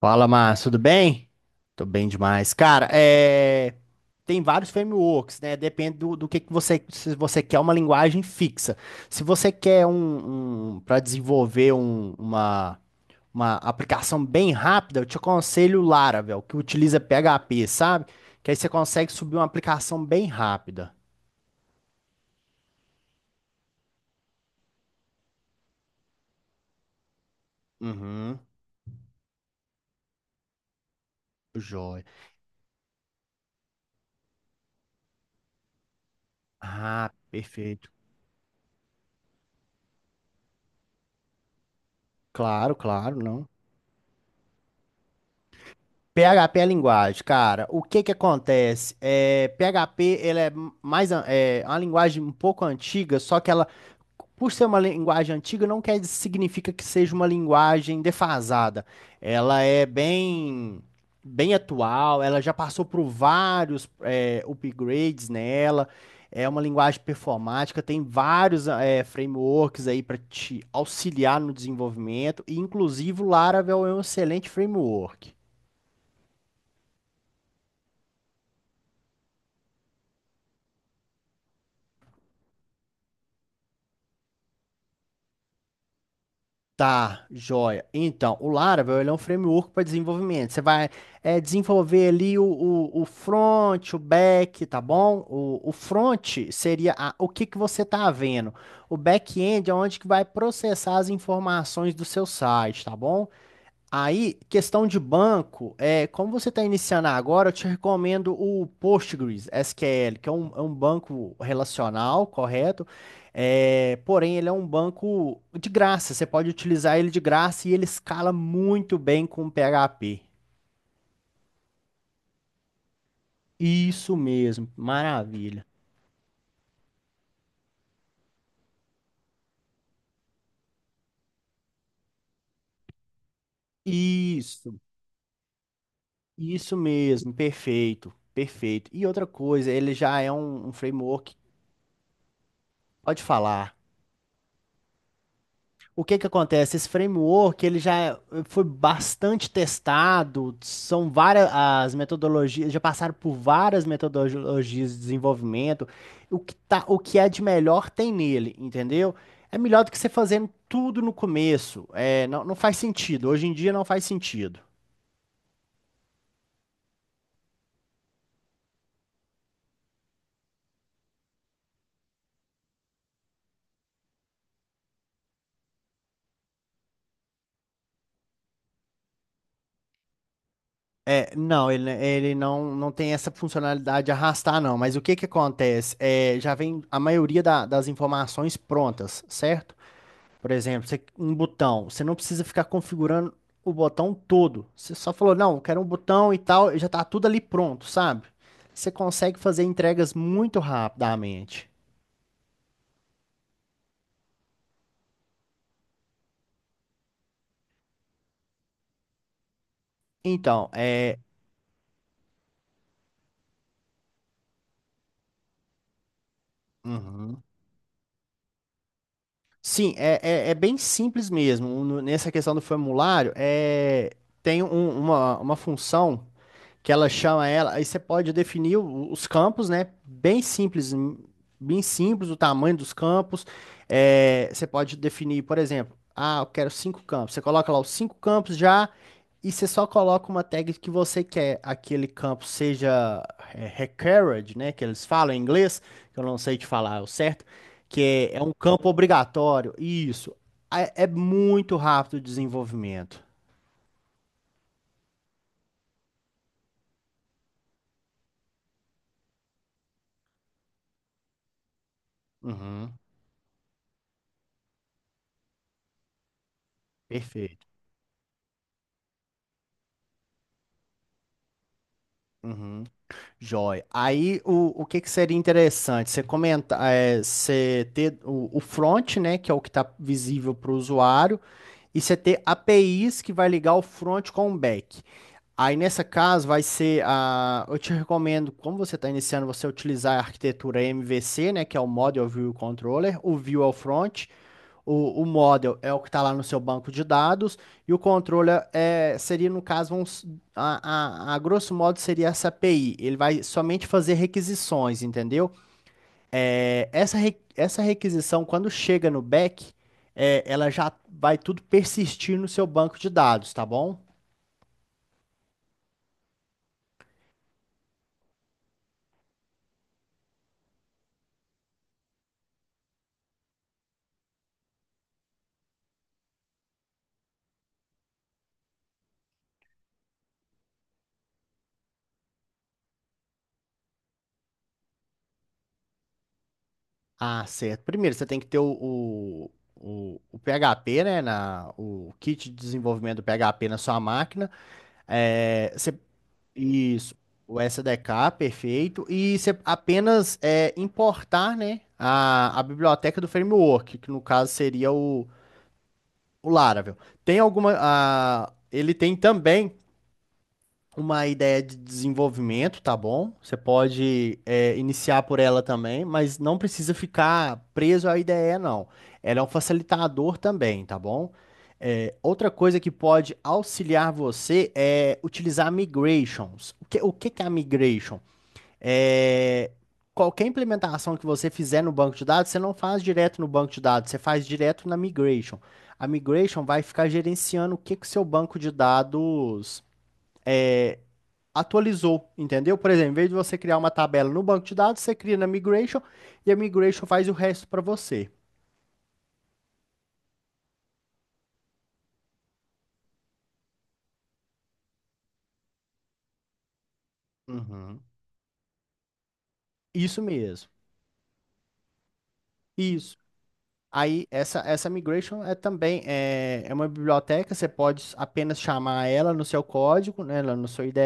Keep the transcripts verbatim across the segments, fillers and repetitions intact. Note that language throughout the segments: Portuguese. Fala, Márcio, tudo bem? Tô bem demais. Cara, é... tem vários frameworks, né? Depende do, do que, que você. Se você quer uma linguagem fixa. Se você quer um... um... para desenvolver um- uma... uma aplicação bem rápida, eu te aconselho o Laravel, que utiliza P H P, sabe? Que aí você consegue subir uma aplicação bem rápida. Uhum. Joia. Ah, perfeito. Claro, claro, não. P H P é linguagem, cara. O que que acontece? É, P H P ele é mais an- é uma linguagem um pouco antiga, só que ela, por ser uma linguagem antiga, não quer significa que seja uma linguagem defasada. Ela é bem bem atual. Ela já passou por vários é, upgrades nela. É uma linguagem performática. Tem vários é, frameworks aí para te auxiliar no desenvolvimento. E inclusive o Laravel é um excelente framework. Tá, joia. Então, o Laravel ele é um framework para desenvolvimento. Você vai é, desenvolver ali o, o, o front, o back, tá bom? O, o front seria a- o que que você está vendo. O back-end é onde que vai processar as informações do seu site, tá bom? Aí, questão de banco, é, como você está iniciando agora, eu te recomendo o Postgres S Q L, que é um, é um banco relacional, correto? É, porém, ele é um banco de graça, você pode utilizar ele de graça e ele escala muito bem com o P H P. Isso mesmo, maravilha. Isso, isso mesmo, perfeito, perfeito. E outra coisa, ele já é um, um framework, pode falar. O que que acontece? Esse framework, ele já foi bastante testado, são várias as metodologias, já passaram por várias metodologias de desenvolvimento. O que tá, o que é de melhor tem nele, entendeu? É melhor do que você fazendo tudo no começo. É, não, não faz sentido. Hoje em dia não faz sentido. É, não, ele, ele não, não tem essa funcionalidade de arrastar, não. Mas o que que acontece? É, já vem a maioria da- das informações prontas, certo? Por exemplo, você- um botão, você não precisa ficar configurando o botão todo. Você só falou, não, eu quero um botão e tal, e já tá tudo ali pronto, sabe? Você consegue fazer entregas muito rapidamente. Então, é. Uhum. Sim, é, é, é bem simples mesmo. No- Nessa questão do formulário, é, tem um- uma, uma função, que ela chama ela, aí você pode definir o- os campos, né? Bem simples, hum, bem simples o tamanho dos campos. É, você pode definir, por exemplo, ah, eu quero cinco campos. Você coloca lá os cinco campos já e você só coloca uma tag que você quer aquele campo seja é, required, né? Que eles falam em inglês, que eu não sei te falar o certo, que é, é um campo obrigatório. Isso. É, é muito rápido o desenvolvimento. Uhum, perfeito. Uhum. Joia. Aí o, o que que seria interessante? Você comenta, é, você ter o, o front, né, que é o que está visível para o usuário, e você ter A P Is que vai ligar o front com o back. Aí nessa caso vai ser a, eu te recomendo, como você está iniciando, você utilizar a arquitetura M V C, né, que é o Model View Controller. O View é o front, o, o model é o que está lá no seu banco de dados e o controller é, seria, no caso, um, s- a, a, a grosso modo, seria essa A P I. Ele vai somente fazer requisições, entendeu? É, essa, re- essa requisição, quando chega no back, é, ela já vai tudo persistir no seu banco de dados, tá bom? Ah, certo. Primeiro, você tem que ter o, o, o, o P H P, né, na, o kit de desenvolvimento do P H P na sua máquina. É, você- isso, o S D K, perfeito. E você apenas é, importar, né, a, a biblioteca do framework, que no caso seria o, o Laravel. Tem alguma. A, ele tem também uma ideia de desenvolvimento, tá bom? Você pode é, iniciar por ela também, mas não precisa ficar preso à ideia, não. Ela é um facilitador também, tá bom? É, outra coisa que pode auxiliar você é utilizar migrations. O que, o que que é a migration? É, qualquer implementação que você fizer no banco de dados, você não faz direto no banco de dados, você faz direto na migration. A migration vai ficar gerenciando o que que o seu banco de dados é, atualizou, entendeu? Por exemplo, em vez de você criar uma tabela no banco de dados, você cria na Migration e a Migration faz o resto para você. Uhum. Isso mesmo. Isso. Aí essa essa migration é também é, é uma biblioteca, você pode apenas chamar ela no seu código, né, lá no seu IDE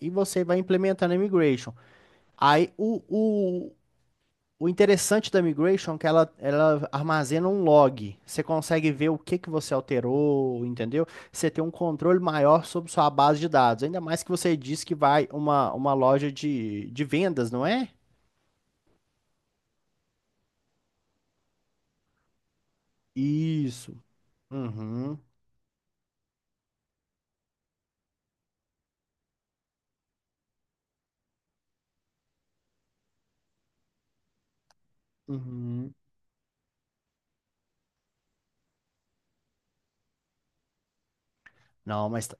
e e você vai implementando a migration. Aí o, O interessante da migration é que ela, ela armazena um log. Você consegue ver o que que você alterou, entendeu? Você tem um controle maior sobre sua base de dados. Ainda mais que você disse que vai uma, uma loja de, de vendas, não é? Isso. Uhum, uhum. Não, mas tá-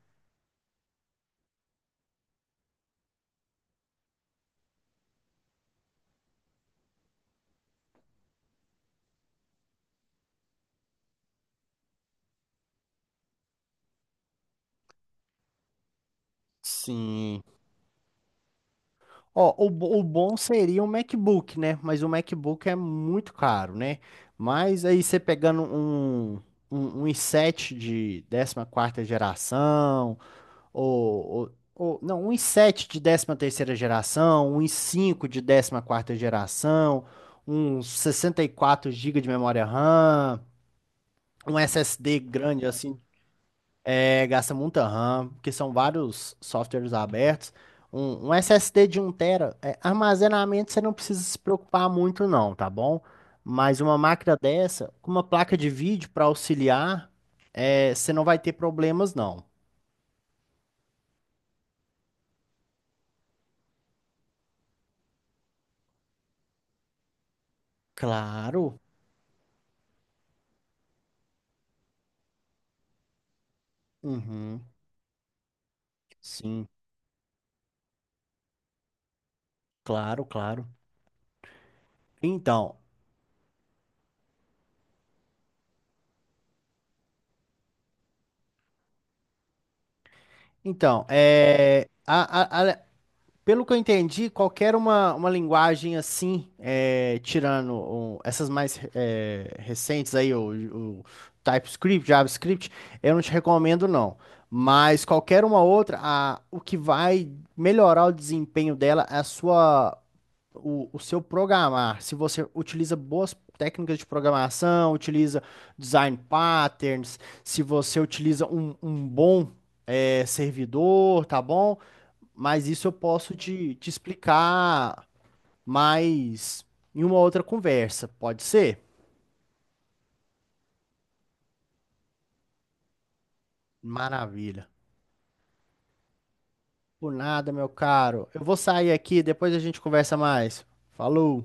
sim. Ó, o, bo- o bom seria um MacBook, né? Mas o MacBook é muito caro, né? Mas aí você pegando um, um, um i sete de décima quarta geração ou, ou, ou- não, i sete de décima terceira geração, um i cinco de décima quarta geração, uns sessenta e quatro gigas de memória RAM, um S S D grande assim. é, gasta muita RAM, porque são vários softwares abertos. Um, um S S D de um tera, é, armazenamento você não precisa se preocupar muito não, tá bom? Mas uma máquina dessa, com uma placa de vídeo para auxiliar, é, você não vai ter problemas não. Claro. Uhum. Sim. Claro, claro. Então, então, é, a- a- a- pelo que eu entendi, qualquer uma, uma linguagem assim, é, tirando o- essas mais é, recentes aí, o, o TypeScript, JavaScript, eu não te recomendo não. Mas qualquer uma outra, a- o que vai melhorar o desempenho dela é a sua o, o seu programar, se você utiliza boas técnicas de programação, utiliza design patterns, se você utiliza um, um bom eh, servidor, tá bom? Mas isso eu posso te, te explicar mais em uma outra conversa, pode ser? Maravilha. Por nada, meu caro. Eu vou sair aqui, depois a gente conversa mais. Falou!